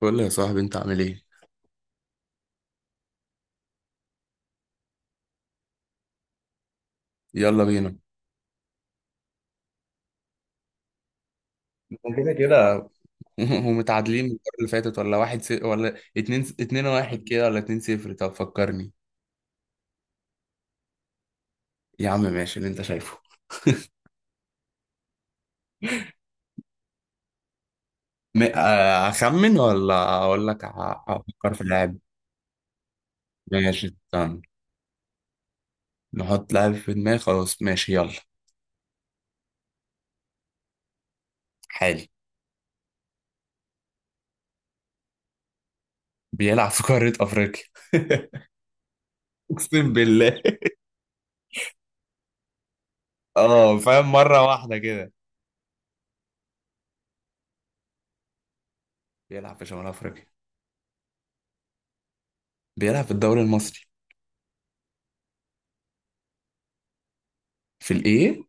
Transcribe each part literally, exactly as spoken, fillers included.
قول لي يا صاحبي انت عامل ايه. يلا بينا. احنا كده كده. ومتعادلين من المره اللي فاتت، ولا واحد س... ولا اتنين اتنين واحد كده، ولا اتنين صفر؟ طب فكرني. يا عم ماشي اللي انت شايفه. م... آه، اخمن ولا اقول لك ع- افكر في لاعب. ماشي استنى. نحط لاعب في دماغي، خلاص ماشي يلا. حالي. بيلعب في قاره افريقيا. اقسم بالله. اه فاهم، مره واحده كده. بيلعب في شمال افريقيا. بيلعب في الدوري المصري. في الايه؟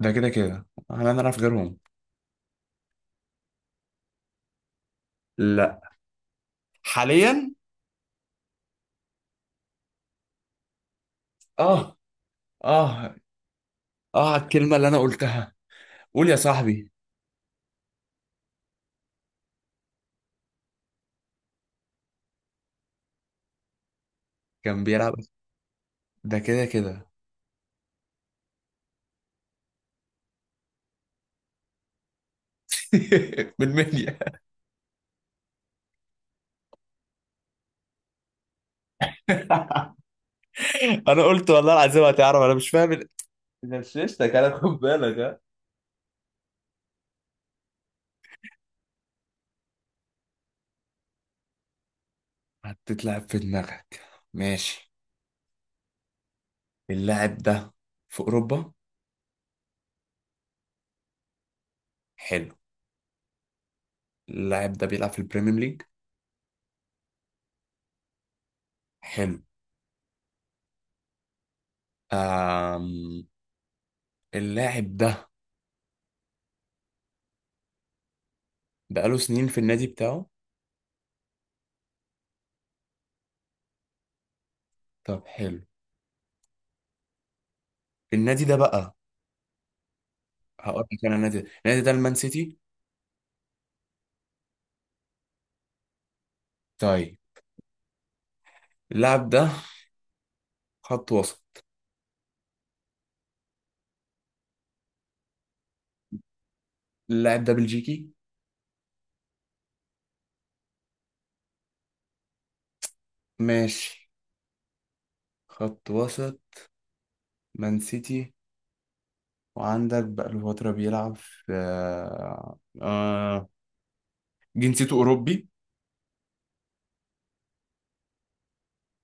ده كده كده احنا نعرف غيرهم. لا. حاليا. اه. اه. اه على الكلمة اللي انا قلتها. قول يا صاحبي. كان بيلعب. ده كده كده. من منيا. انا قلت والله العظيم هتعرف، انا مش فاهم ال- غششتك انا، خد بالك ها. هتتلعب في دماغك، ماشي. اللاعب ده في أوروبا. حلو. اللاعب ده بيلعب في البريمير ليج. حلو. آم... اللاعب ده بقاله سنين في النادي بتاعه. طب حلو. النادي ده بقى، هقول لك انا. النادي ده النادي ده المان سيتي. طيب. اللاعب ده خط وسط. اللاعب ده بلجيكي. ماشي. خط وسط، مان سيتي، وعندك بقاله فترة بيلعب في آه... آه، جنسيته أوروبي.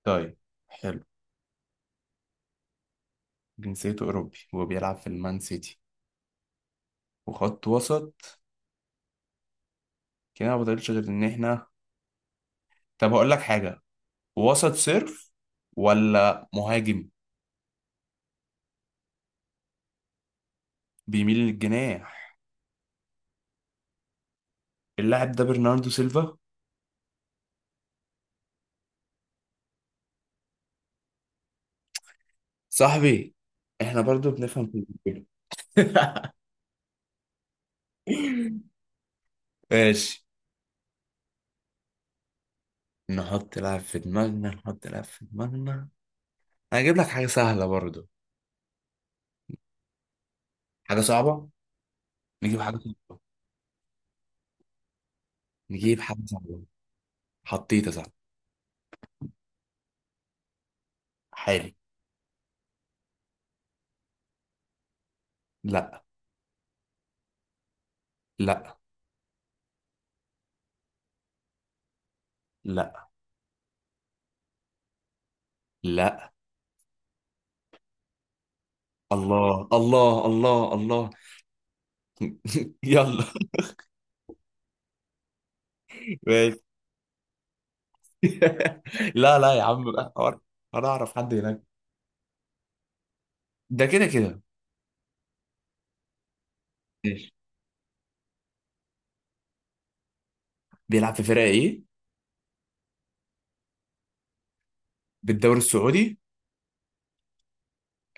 طيب حلو. جنسيته أوروبي وبيلعب في المان سيتي وخط وسط. كده ما بطلش غير إن إحنا. طب هقول لك حاجة. وسط صرف ولا مهاجم بيميل للجناح؟ اللاعب ده برناردو سيلفا. صاحبي إحنا برضو بنفهم في الكورة. ماشي. نحط لعب في دماغنا، نحط لعب في دماغنا. انا هجيب لك حاجة سهلة برضو. حاجة صعبة. نجيب حاجة صعبة. نجيب حاجة صعبة. حطيت يا صاحبي. حالي. لا. لا. لا. لا. الله الله الله الله. يلا. ماشي. لا لا يا عم بقى حوار. انا اعرف حد هناك. ده كده كده. ماشي. بيلعب في فرقة ايه؟ بالدوري السعودي؟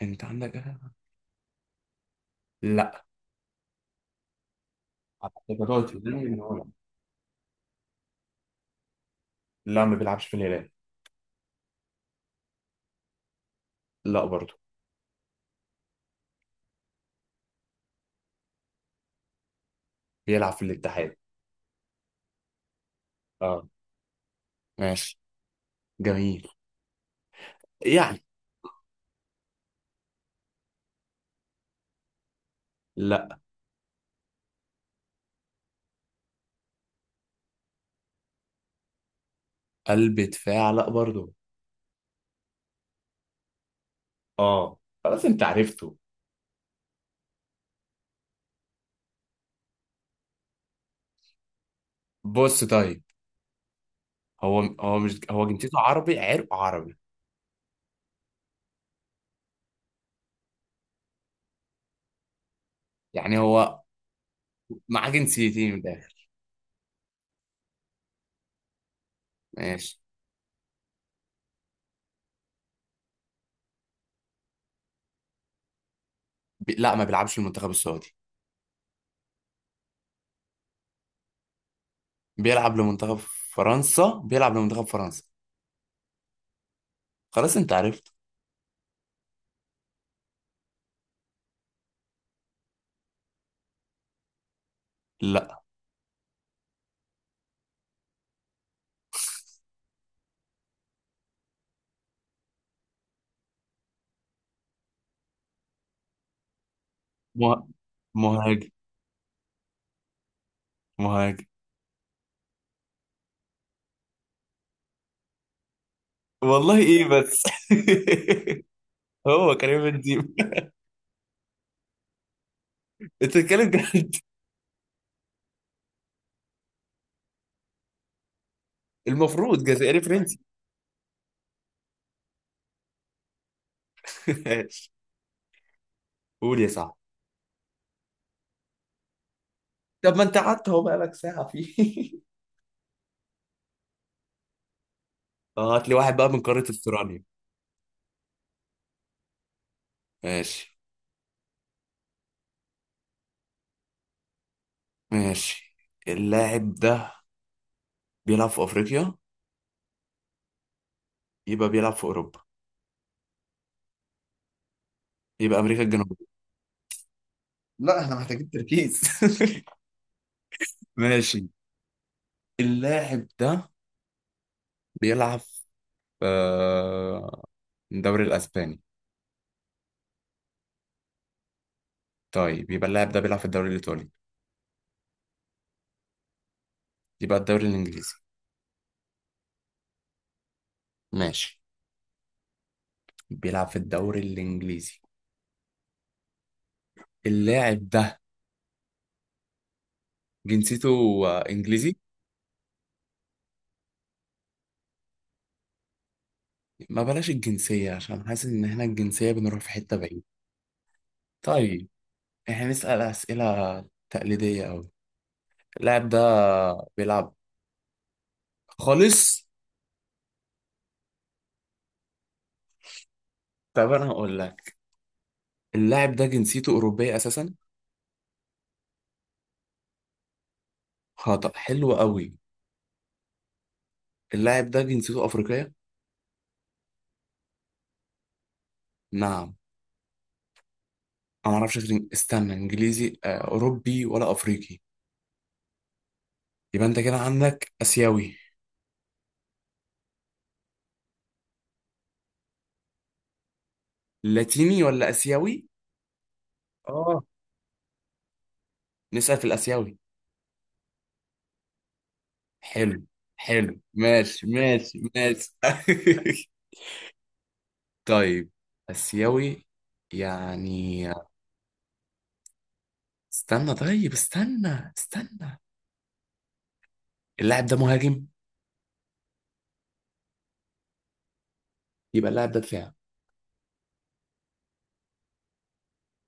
انت عندك أهلها؟ لا. أعتقد هتقعد في الهلال؟ من هنا. لا ما بيلعبش في الهلال. لا برضه. بيلعب في الاتحاد. اه. ماشي. جميل. يعني. لا. قلب دفاع لا برضه. اه خلاص انت عرفته. بص طيب. هو هو مش هو جنسيته عربي، عرق عربي. يعني هو معاه جنسيتين من الاخر. ماشي. بي... لا ما بيلعبش المنتخب السعودي. بيلعب لمنتخب فرنسا. بيلعب لمنتخب فرنسا. خلاص انت عرفت. لا. مه... مهاجم. مهاجم. والله ايه بس. هو كريم بنزيما؟ انت بتتكلم جد؟ المفروض جزائري فرنسي. ماشي. قول يا صاحبي. طب ما انت قعدت اهو بقالك ساعة فيه. اه هات لي واحد بقى من قارة استراليا. ماشي. ماشي. اللاعب ده بيلعب في افريقيا؟ يبقى بيلعب في اوروبا؟ يبقى امريكا الجنوبية؟ لا احنا محتاجين تركيز. ماشي. اللاعب ده بيلعب في آه، الدوري الاسباني. طيب يبقى اللاعب ده بيلعب في الدوري الايطالي. يبقى الدوري الانجليزي. ماشي. بيلعب في الدوري الانجليزي. اللاعب ده جنسيته آه، انجليزي. ما بلاش الجنسية، عشان حاسس إن إحنا الجنسية بنروح في حتة بعيد. طيب. إحنا نسأل أسئلة تقليدية أوي. اللاعب ده بيلعب. خالص. طب أنا هقول لك، اللاعب ده جنسيته أوروبية أساسا. خطأ. حلو أوي. اللاعب ده جنسيته أفريقية. نعم. أنا معرفش غير إن- استنى. إنجليزي، آه، أوروبي ولا أفريقي؟ يبقى أنت كده عندك آسيوي، لاتيني ولا آسيوي. آه. نسأل في الآسيوي. حلو. حلو ماشي ماشي ماشي. طيب. آسيوي. يعني. استنى طيب، استنى استنى. اللاعب ده مهاجم. يبقى اللاعب ده دفاع.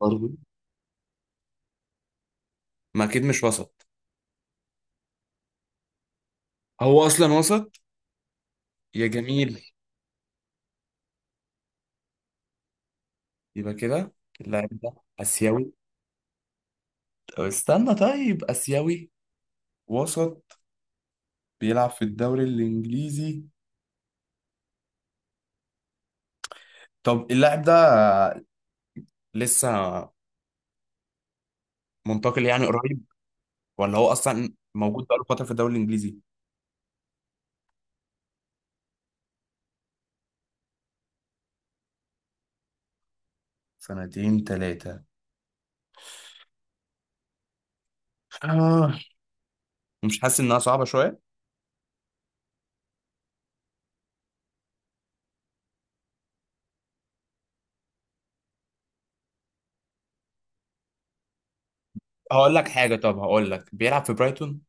برضه؟ ما أكيد مش وسط. هو أصلا وسط؟ يا جميل. يبقى كده اللاعب ده آسيوي. طب استنى. طيب آسيوي، وسط، بيلعب في الدوري الإنجليزي. طب اللاعب ده لسه منتقل يعني قريب، ولا هو أصلا موجود بقاله فترة في الدوري الإنجليزي؟ سنتين ثلاثة. آه. مش حاسس إنها صعبة شوية؟ هقول لك حاجة، طب هقول لك، بيلعب في برايتون.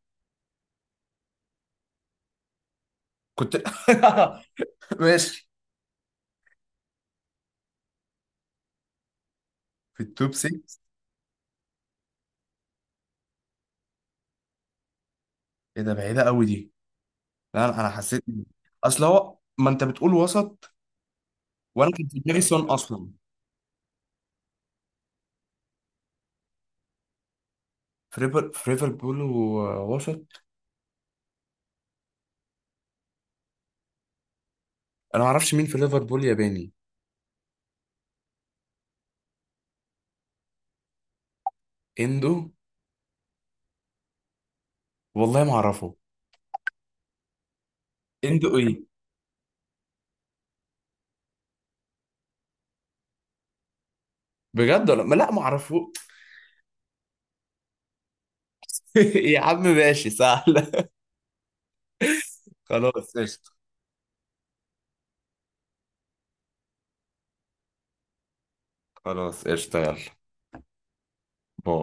كنت. ماشي. في التوب ستة؟ ايه ده، بعيدة قوي دي. لا انا أنا حسيت. اصل هو، ما انت بتقول وسط، وانا كنت في دماغي سون اصلا. في ريفر، في ليفربول ووسط. انا ما اعرفش مين في ليفربول ياباني. اندو. والله ما اعرفه. اندو ايه؟ بجد ولا ما، لا ما اعرفه. يا عم ماشي سهل. خلاص قشطة. خلاص قشطة. يلا. باي.